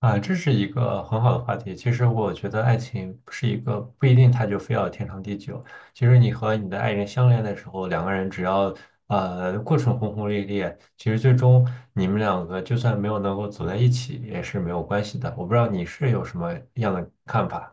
啊，这是一个很好的话题。其实我觉得爱情不是一个不一定它就非要天长地久。其实你和你的爱人相恋的时候，两个人只要过程轰轰烈烈，其实最终你们两个就算没有能够走在一起也是没有关系的。我不知道你是有什么样的看法。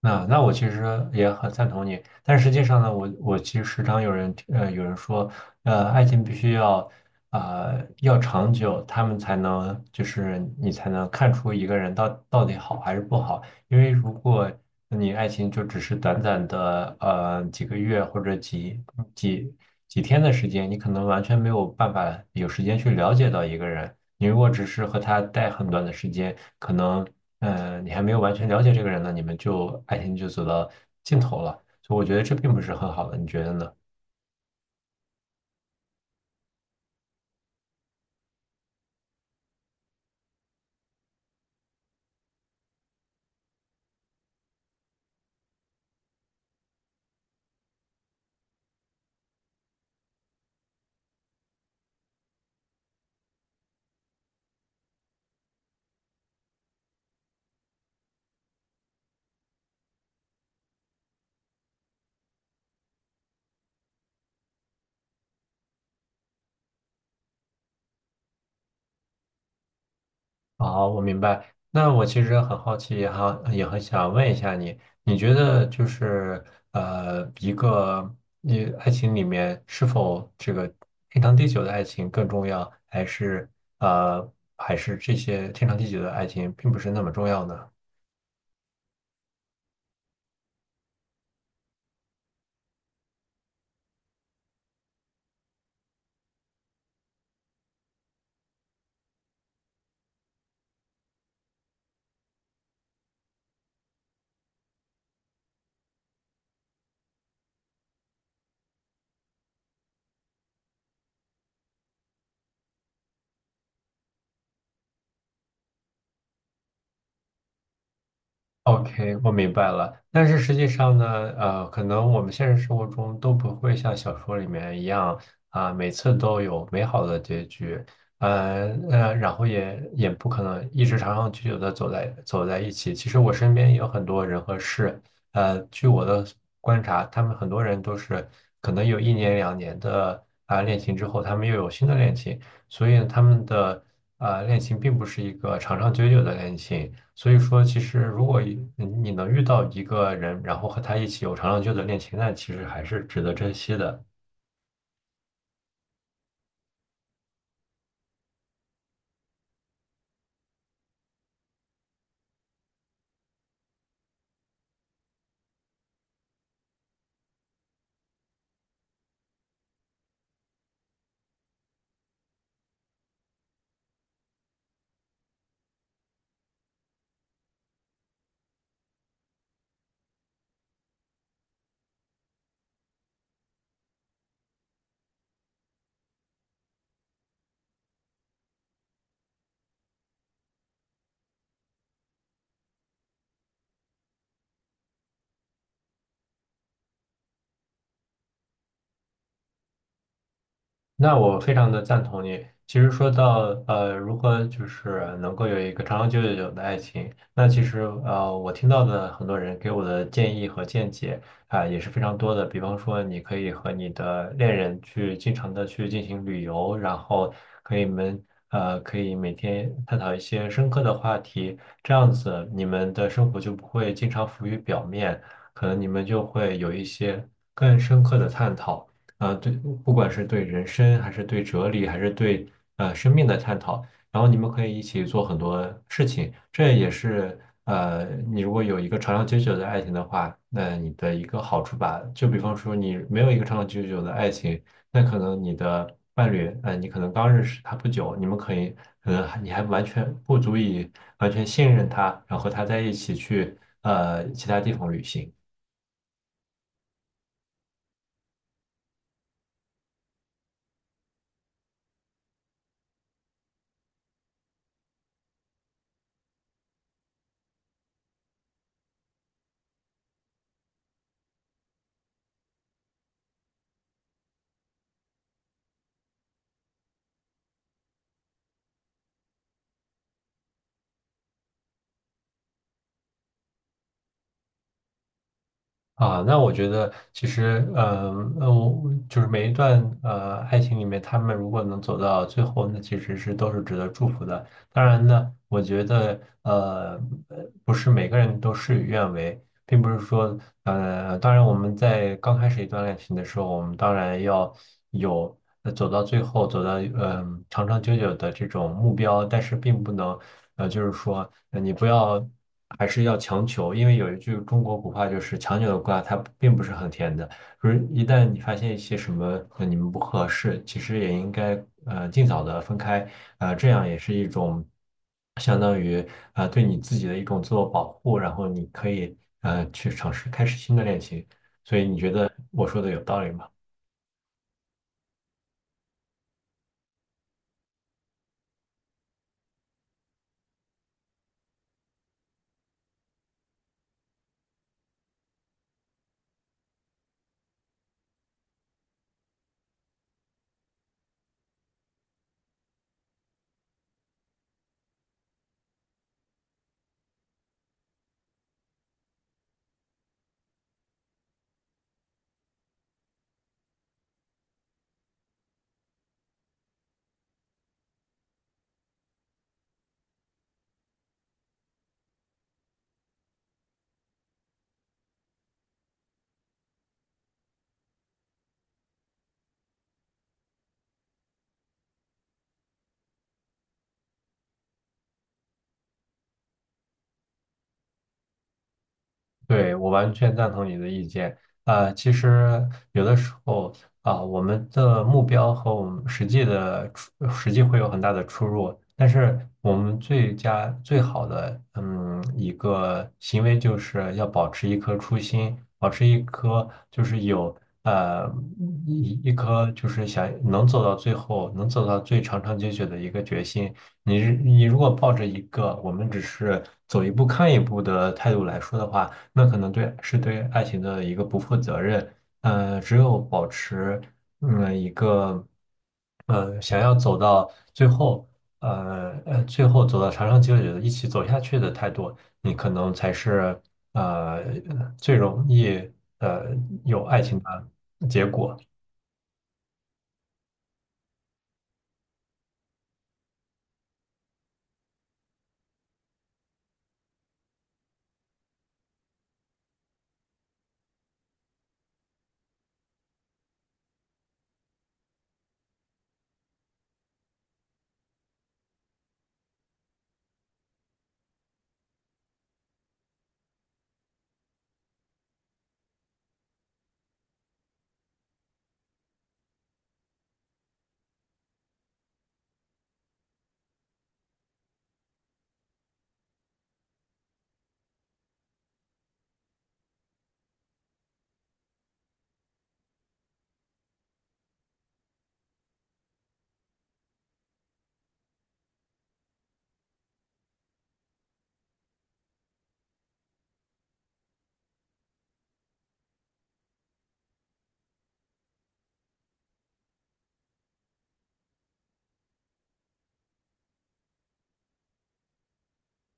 那我其实也很赞同你，但实际上呢，我其实时常有人有人说，爱情必须要要长久，他们才能就是你才能看出一个人到底好还是不好，因为如果你爱情就只是短短的几个月或者几几天的时间，你可能完全没有办法有时间去了解到一个人，你如果只是和他待很短的时间，可能。嗯，你还没有完全了解这个人呢，你们就爱情就走到尽头了，所以我觉得这并不是很好的，你觉得呢？好，我明白。那我其实很好奇，也很想问一下你，你觉得就是一个你爱情里面是否这个天长地久的爱情更重要，还是呃，还是这些天长地久的爱情并不是那么重要呢？OK，我明白了。但是实际上呢，可能我们现实生活中都不会像小说里面一样啊，每次都有美好的结局，然后也不可能一直长长久久的走在一起。其实我身边也有很多人和事，据我的观察，他们很多人都是可能有一年两年的啊恋情之后，他们又有新的恋情，所以他们的啊恋情并不是一个长长久久的恋情。所以说，其实如果你能遇到一个人，然后和他一起有长长久久的恋情，那其实还是值得珍惜的。那我非常的赞同你。其实说到如何就是能够有一个长长久久的爱情，那其实我听到的很多人给我的建议和见解啊，也是非常多的。比方说，你可以和你的恋人去经常的去进行旅游，然后可以们可以每天探讨一些深刻的话题，这样子你们的生活就不会经常浮于表面，可能你们就会有一些更深刻的探讨。呃，对，不管是对人生，还是对哲理，还是对生命的探讨，然后你们可以一起做很多事情，这也是你如果有一个长长久久的爱情的话，那你的一个好处吧。就比方说你没有一个长长久久的爱情，那可能你的伴侣，你可能刚认识他不久，你们可以，可能你还完全不足以完全信任他，然后和他在一起去其他地方旅行。啊，那我觉得其实，嗯，那我就是每一段爱情里面，他们如果能走到最后，那其实是都是值得祝福的。当然呢，我觉得不是每个人都事与愿违，并不是说当然我们在刚开始一段恋情的时候，我们当然要有走到最后，走到长长久久的这种目标，但是并不能就是说你不要还是要强求，因为有一句中国古话就是强扭的瓜，它并不是很甜的。就是一旦你发现一些什么和你们不合适，其实也应该尽早的分开，这样也是一种相当于对你自己的一种自我保护，然后你可以去尝试开始新的恋情。所以你觉得我说的有道理吗？对，我完全赞同你的意见。啊、其实有的时候啊、我们的目标和我们实际的实际会有很大的出入。但是我们最好的嗯一个行为就是要保持一颗初心，保持一颗就是有呃一颗就是想能走到最后，能走到最长长久久的一个决心。你如果抱着一个我们只是走一步看一步的态度来说的话，那可能是对爱情的一个不负责任。只有保持嗯一个想要走到最后，最后走到长长久久的一起走下去的态度，你可能才是呃最容易呃有爱情的结果。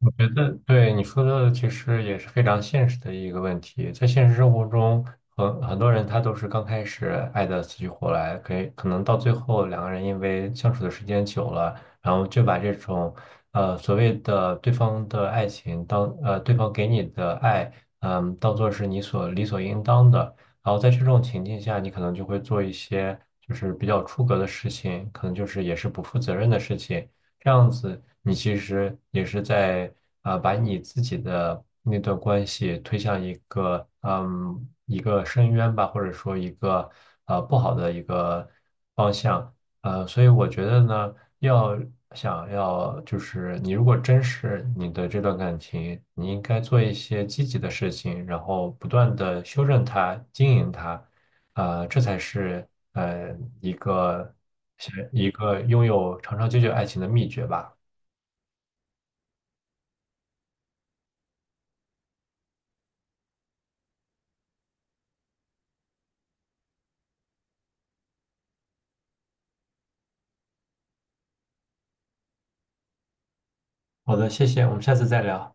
我觉得对你说的其实也是非常现实的一个问题，在现实生活中，很多人他都是刚开始爱的死去活来，可能到最后两个人因为相处的时间久了，然后就把这种所谓的对方的爱情对方给你的爱，嗯，当做是你所理所应当的，然后在这种情境下，你可能就会做一些就是比较出格的事情，可能就是也是不负责任的事情。这样子，你其实也是在把你自己的那段关系推向一个一个深渊吧，或者说一个不好的一个方向。呃，所以我觉得呢，想要就是你如果珍视你的这段感情，你应该做一些积极的事情，然后不断的修正它、经营它，啊、这才是呃一个是一个拥有长长久久爱情的秘诀吧。好的，谢谢，我们下次再聊。